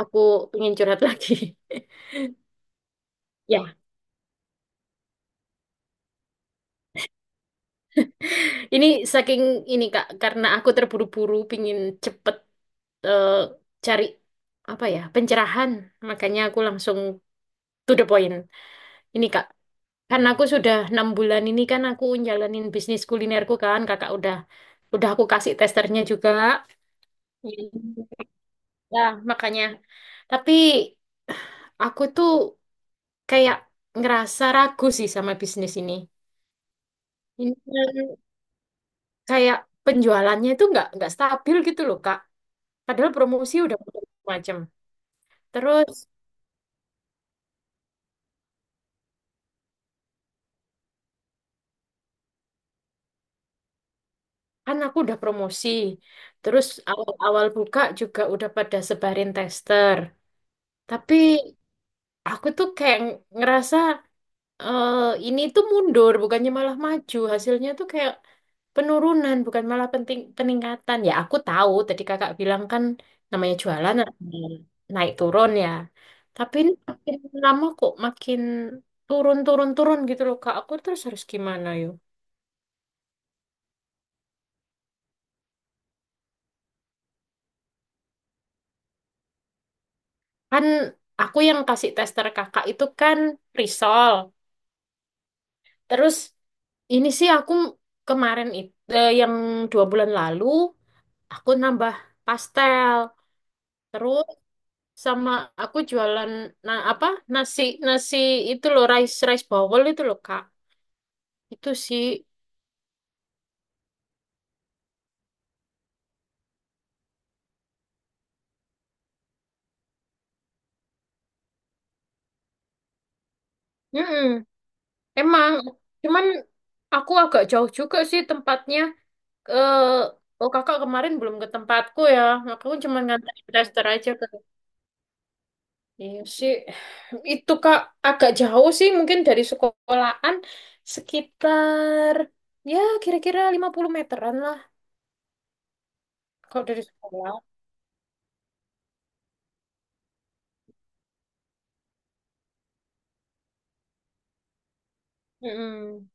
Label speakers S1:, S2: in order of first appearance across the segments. S1: Aku pengen curhat lagi. Ya, ini saking ini Kak, karena aku terburu-buru pingin cepet eh, cari apa ya pencerahan, makanya aku langsung to the point. Ini Kak, karena aku sudah 6 bulan ini kan aku jalanin bisnis kulinerku kan, Kakak udah aku kasih testernya juga. Iya. Ya, makanya. Tapi aku tuh kayak ngerasa ragu sih sama bisnis ini. Ini kan kayak penjualannya itu nggak stabil gitu loh Kak. Padahal promosi udah macam. Terus kan aku udah promosi. Terus awal-awal buka juga udah pada sebarin tester. Tapi aku tuh kayak ngerasa eh ini tuh mundur, bukannya malah maju. Hasilnya tuh kayak penurunan, bukan malah penting peningkatan. Ya aku tahu tadi kakak bilang kan namanya jualan ada naik turun ya. Tapi ini makin lama kok makin turun turun turun gitu loh Kak. Aku terus harus gimana yuk? Kan aku yang kasih tester kakak itu kan risol. Terus ini sih aku kemarin itu yang 2 bulan lalu aku nambah pastel. Terus sama aku jualan nah apa nasi nasi itu loh rice rice bowl itu loh Kak. Itu sih. Mm-mm. Emang cuman aku agak jauh juga sih tempatnya, eh oh kakak kemarin belum ke tempatku ya, aku cuma nganterin tester aja ke, iya sih. Itu Kak, agak jauh sih mungkin dari sekolahan, sekitar ya kira-kira 50 meteran lah kalau dari sekolah. Mm-mm.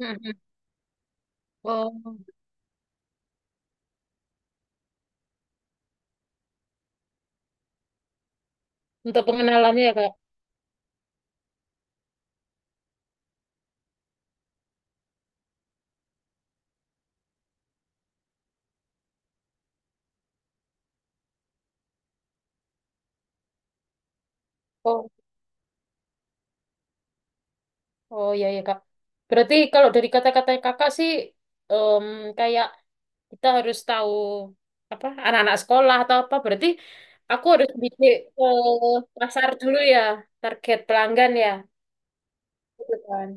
S1: Mm-mm. Oh. Untuk pengenalannya ya, Kak. Oh, oh ya ya, Kak. Berarti kalau dari kata-kata Kakak sih, em, kayak kita harus tahu apa anak-anak sekolah atau apa. Berarti aku harus bidik ke pasar dulu ya, target pelanggan ya. Gitu kan.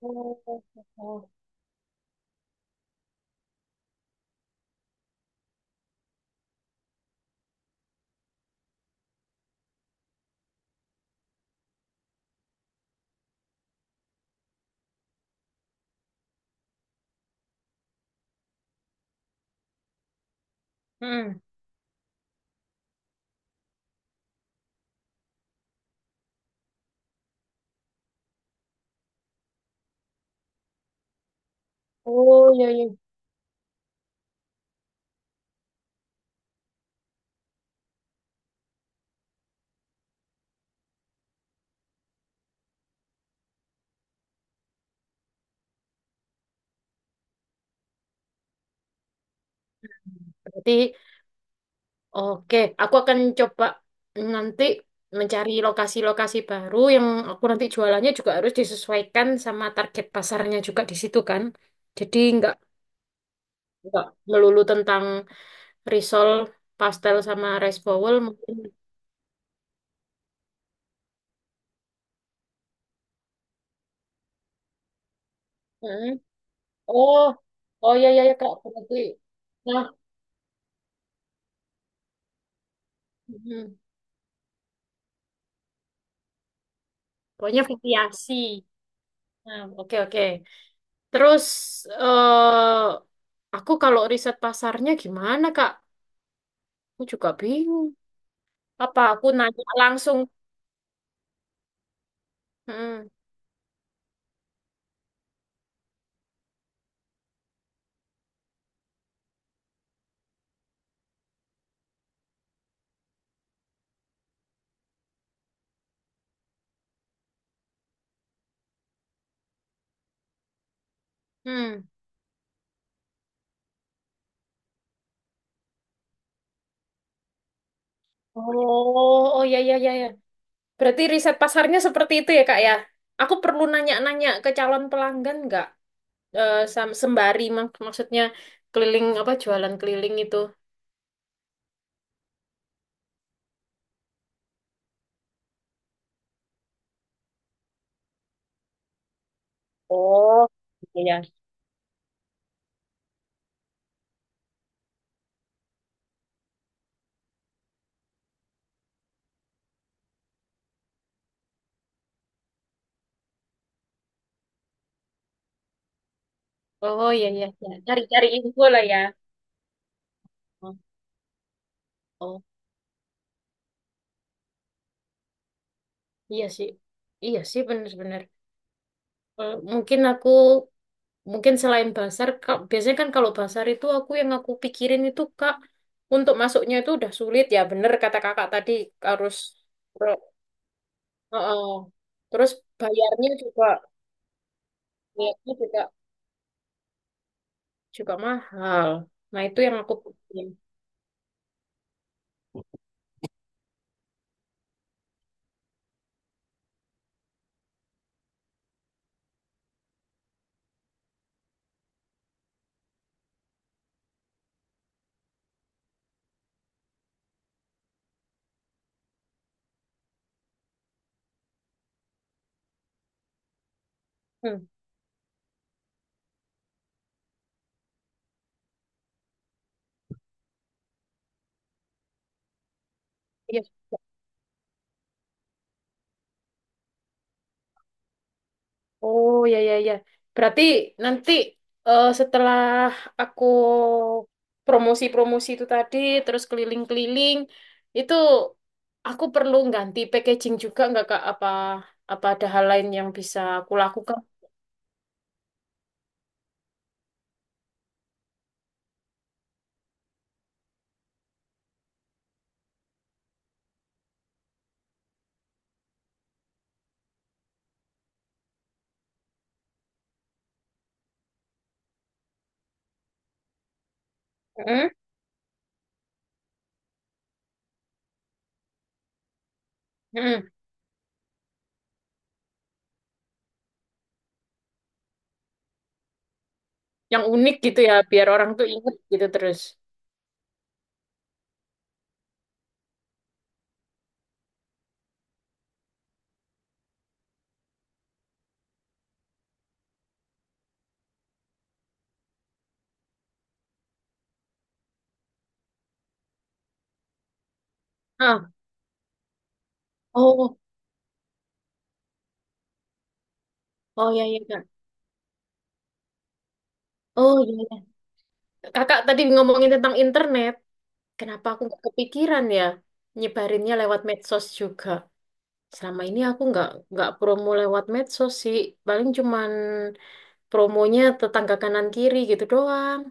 S1: Oh, oh, oh. Mm. Oh, ya ya. Berarti, oke, aku akan coba nanti mencari lokasi-lokasi baru yang aku nanti jualannya juga harus disesuaikan sama target pasarnya juga di situ kan. Jadi nggak melulu tentang risol, pastel sama rice bowl mungkin. Mm. Oh, oh ya ya ya Kak, berarti. Nah, mm, pokoknya variasi. Nah, oke oke. Terus eh aku kalau riset pasarnya gimana Kak? Aku juga bingung. Apa aku nanya langsung? Hmm. Hmm. Oh, oh ya ya ya ya. Berarti riset pasarnya seperti itu ya, Kak ya? Aku perlu nanya-nanya ke calon pelanggan nggak? Eh, sembari maksudnya keliling apa jualan keliling itu. Oh, iya, ya. Oh iya iya. Ya. Cari-cari info lah ya. Oh, oh, iya sih. Iya sih bener-bener. Eh, mungkin aku. Mungkin selain basar, Kak, biasanya kan kalau basar itu aku yang aku pikirin itu Kak, untuk masuknya itu udah sulit ya, bener kata Kakak tadi. Harus, Bro, heeh. Terus bayarnya juga, bayarnya juga juga mahal. Nah, itu yang aku pikirin. Hmm. Iya. Oh ya ya ya. Berarti nanti, eh, setelah aku promosi-promosi itu tadi, terus keliling-keliling, itu aku perlu ganti packaging juga nggak Kak? Apa apa ada hal lain yang bisa aku lakukan? Mm-mm. Mm-mm. Yang unik gitu ya, biar orang tuh inget gitu terus. Ah, oh, oh ya ya Kak. Oh ya ya. Kakak tadi ngomongin tentang internet, kenapa aku nggak kepikiran ya nyebarinnya lewat medsos juga? Selama ini aku nggak promo lewat medsos sih, paling cuman promonya tetangga kanan kiri gitu doang.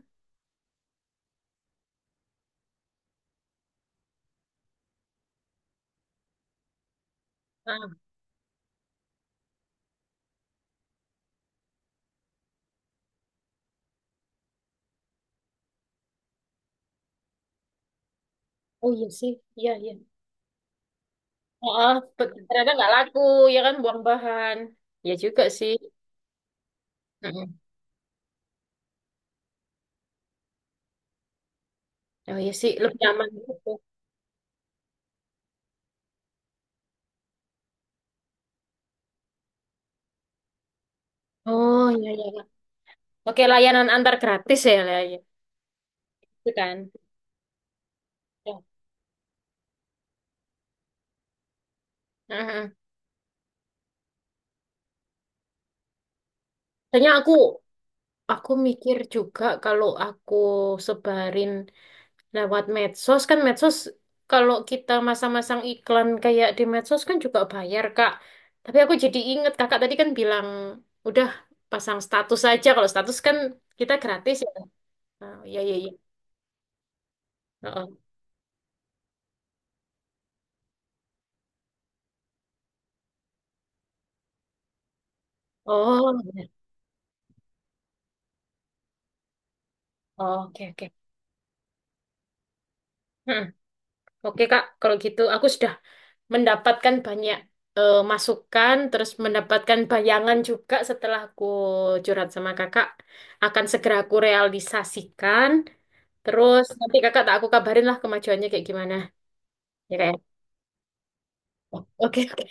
S1: Ah, oh iya sih, iya iya. Oh, ternyata nggak laku, ya kan buang bahan. Ya juga sih. Mm-mm. Oh iya sih, lebih aman gitu. Oh iya iya, iya. Oke, layanan antar gratis ya, lah, ya. Itu kan. Ya. Mm-mm. Soalnya aku mikir juga kalau aku sebarin lewat medsos kan medsos, kalau kita masang-masang iklan kayak di medsos kan juga bayar Kak. Tapi aku jadi inget Kakak tadi kan bilang udah pasang status aja. Kalau status kan kita gratis ya. Oh, iya iya iya. Oh, oh. Oh, benar. Oh, oke oke. Hmm. Oke Kak, kalau gitu aku sudah mendapatkan banyak, eh, masukan, terus mendapatkan bayangan juga setelah aku curhat sama kakak, akan segera aku realisasikan. Terus nanti kakak tak aku kabarin lah kemajuannya kayak gimana. Ya kayak. Oke, oke.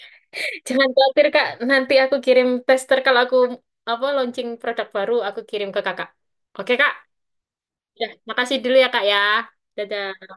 S1: Jangan khawatir Kak. Nanti aku kirim tester kalau aku apa launching produk baru aku kirim ke kakak. Oke Kak. Ya, makasih dulu ya Kak ya. Dadah.